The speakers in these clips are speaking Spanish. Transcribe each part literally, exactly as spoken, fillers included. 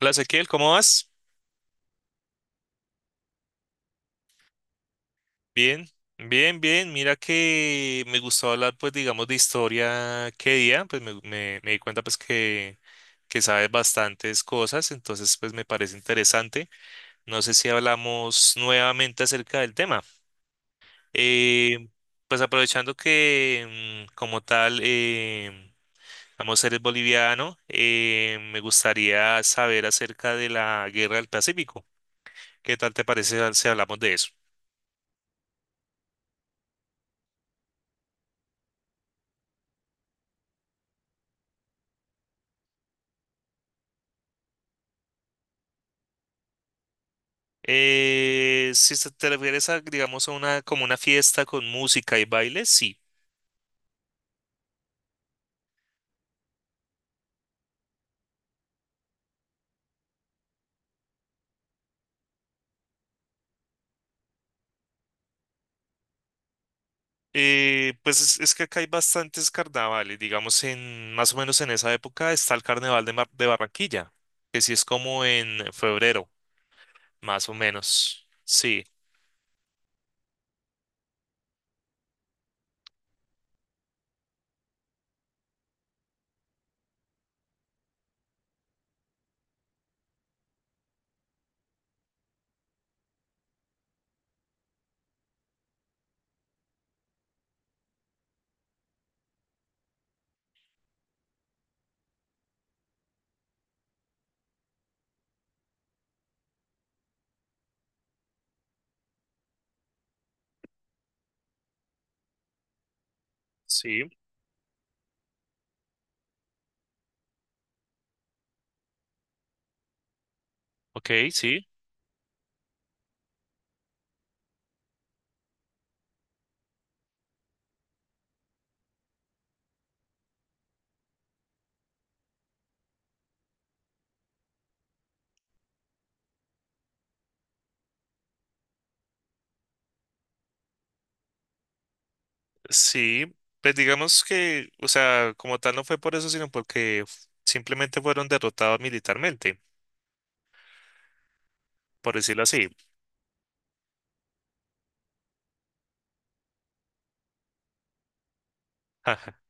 Hola Ezequiel, ¿cómo vas? Bien, bien, bien. Mira que me gustó hablar, pues, digamos, de historia qué día, pues me, me- me di cuenta, pues, que, que sabes bastantes cosas, entonces, pues, me parece interesante. No sé si hablamos nuevamente acerca del tema. Eh, pues, aprovechando que, mm, como tal, eh, vamos a ser boliviano, eh, me gustaría saber acerca de la Guerra del Pacífico. ¿Qué tal te parece si hablamos de eso? Eh, si se te refieres a, digamos, a una, como una fiesta con música y baile, sí. Eh, pues es, es que acá hay bastantes carnavales, digamos, en más o menos en esa época está el carnaval de, Mar- de Barranquilla, que sí es como en febrero, más o menos. Sí, sí, ok, sí, sí. Pues digamos que, o sea, como tal no fue por eso, sino porque f- simplemente fueron derrotados militarmente, por decirlo así. Ajá.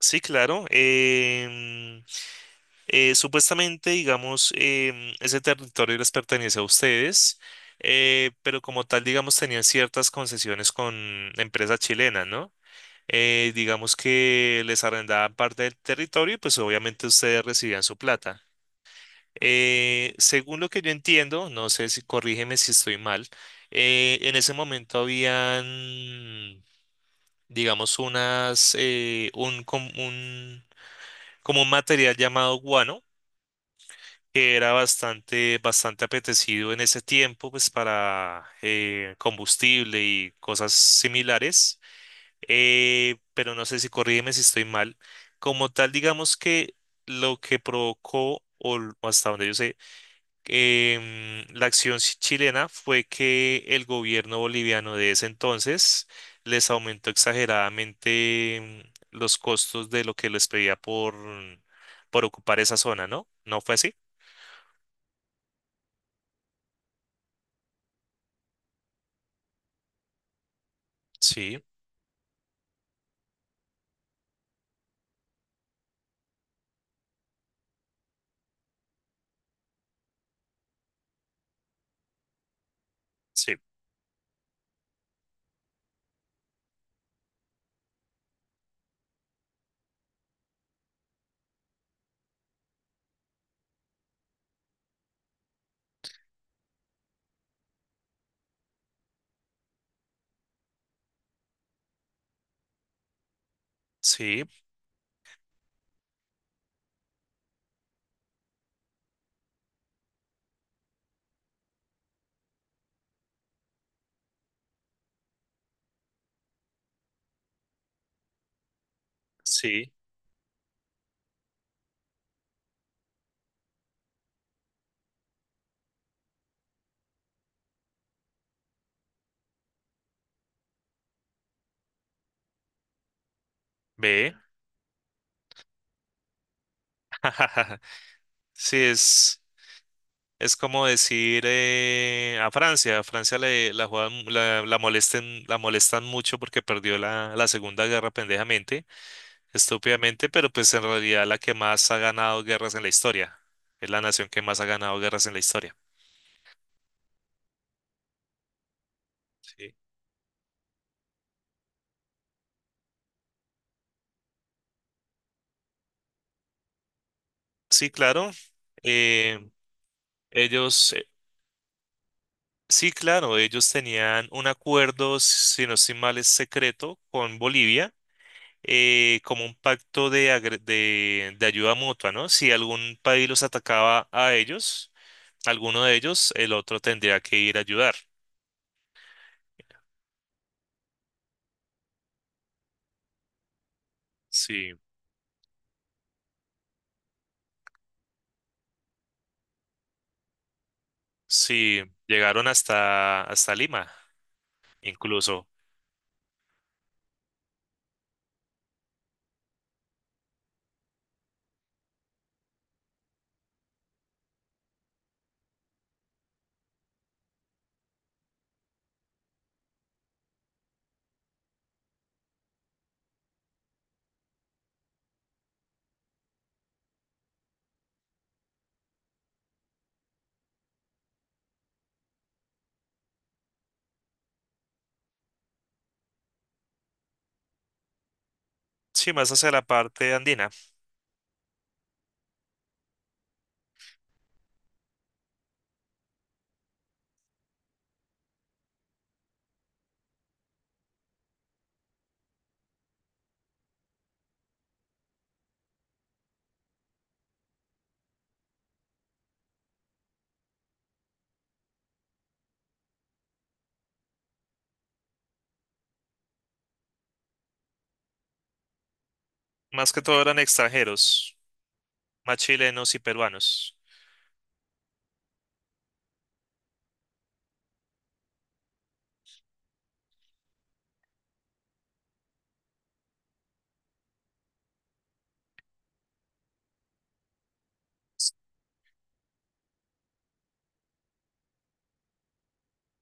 Sí, claro. em, Eh, supuestamente, digamos, em, ese territorio les pertenece a ustedes, eh, pero como tal, digamos, tenían ciertas concesiones con empresas chilenas, ¿no? Eh, digamos que les arrendaban parte del territorio y pues obviamente ustedes recibían su plata. Eh, según lo que yo entiendo, no sé si corrígeme si estoy mal, eh, en ese momento habían, digamos, unas, eh, un, com- un, como un material llamado guano. Era bastante, bastante apetecido en ese tiempo, pues para eh, combustible y cosas similares. Eh, pero no sé si corrígeme si estoy mal. Como tal, digamos que lo que provocó, o l- o hasta donde yo sé, em, la acción chi- chilena fue que el gobierno boliviano de ese entonces les aumentó exageradamente em, los costos de lo que les pedía por, por ocupar esa zona, ¿no? ¿No fue así? Sí. Sí, sí, sí, ve. Sí, es, es como decir eh, a Francia. A Francia le, la, juegan- la, la, molesten, la molestan mucho porque perdió la, la Segunda Guerra pendejamente, estúpidamente, pero pues en realidad la que más ha ganado guerras en la historia. Es la nación que más ha ganado guerras en la historia. Sí, sí, claro. eh, ellos, eh, sí, claro, ellos tenían un acuerdo, si no estoy mal, es secreto con Bolivia eh, como un pacto de, agre- de, de ayuda mutua, ¿no? Si algún país los atacaba a ellos, alguno de ellos, el otro tendría que ir a ayudar. Sí, sí, llegaron hasta, hasta Lima, incluso. Sí, más hacia la parte andina. Más que todo eran extranjeros, más chilenos y peruanos.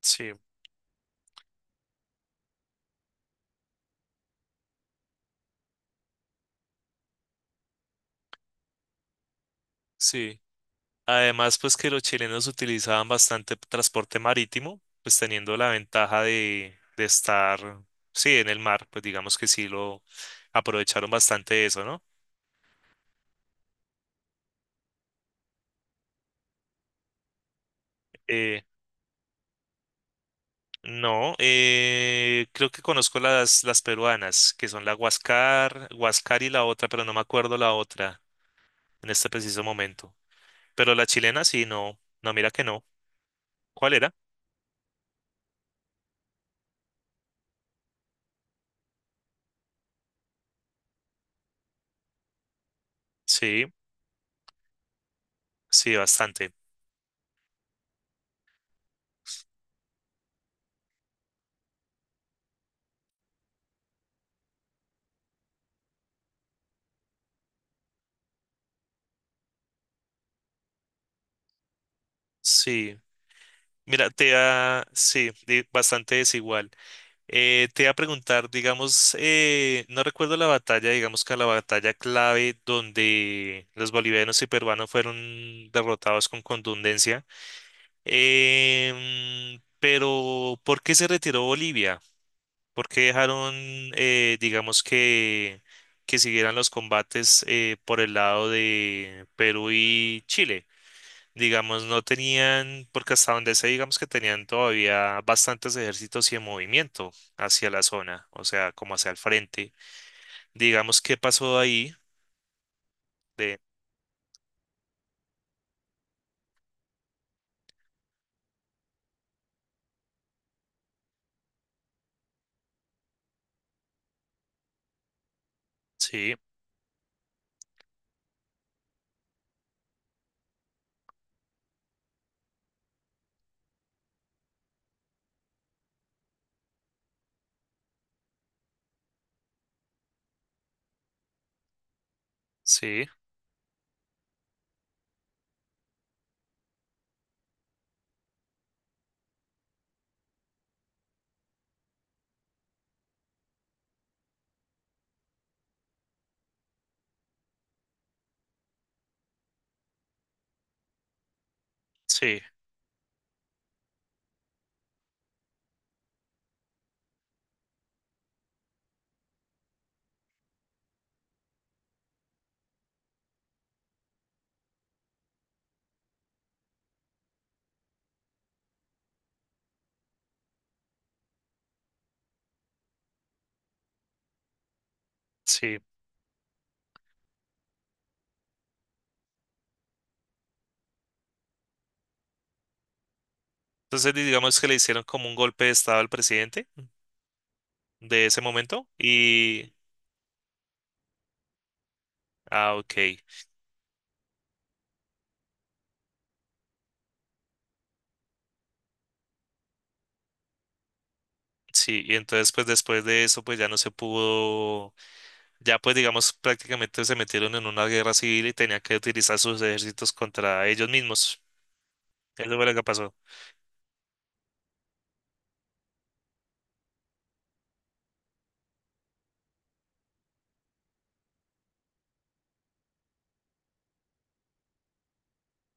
Sí, sí. Además, pues que los chilenos utilizaban bastante transporte marítimo, pues teniendo la ventaja de, de estar, sí, en el mar, pues digamos que sí lo aprovecharon bastante de eso, ¿no? Eh, no, eh, creo que conozco las, las peruanas, que son la Huascar, Huascar y la otra, pero no me acuerdo la otra en este preciso momento. Pero la chilena sí, no, no, mira que no. ¿Cuál era? Sí, sí, bastante. Sí, mira, te da, sí, di- bastante desigual. Eh, te iba a preguntar, digamos, eh, no recuerdo la batalla, digamos que la batalla clave donde los bolivianos y peruanos fueron derrotados con contundencia. Em, pero, ¿por qué se retiró Bolivia? ¿Por qué dejaron, eh, digamos que, que siguieran los combates eh, por el lado de Perú y Chile? Digamos, no tenían, porque hasta donde sé, digamos que tenían todavía bastantes ejércitos y en movimiento hacia la zona, o sea, como hacia el frente. Digamos, ¿qué pasó ahí? De, sí, sí, sí, sí. Entonces, digamos que le hicieron como un golpe de estado al presidente de ese momento y, ah, ok, sí, y entonces, pues después de eso, pues ya no se pudo, ya pues digamos, prácticamente se metieron en una guerra civil y tenían que utilizar sus ejércitos contra ellos mismos. Eso fue lo que pasó.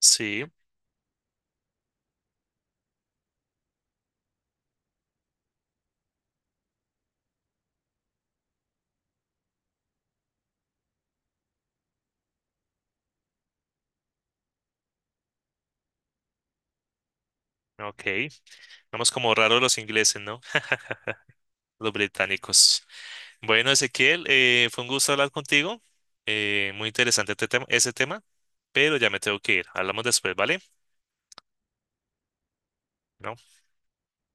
Sí, ok. Vamos como raros los ingleses, ¿no? Los británicos. Bueno, Ezequiel, eh, fue un gusto hablar contigo. Eh, muy interesante este tema, ese tema, pero ya me tengo que ir. Hablamos después, ¿vale?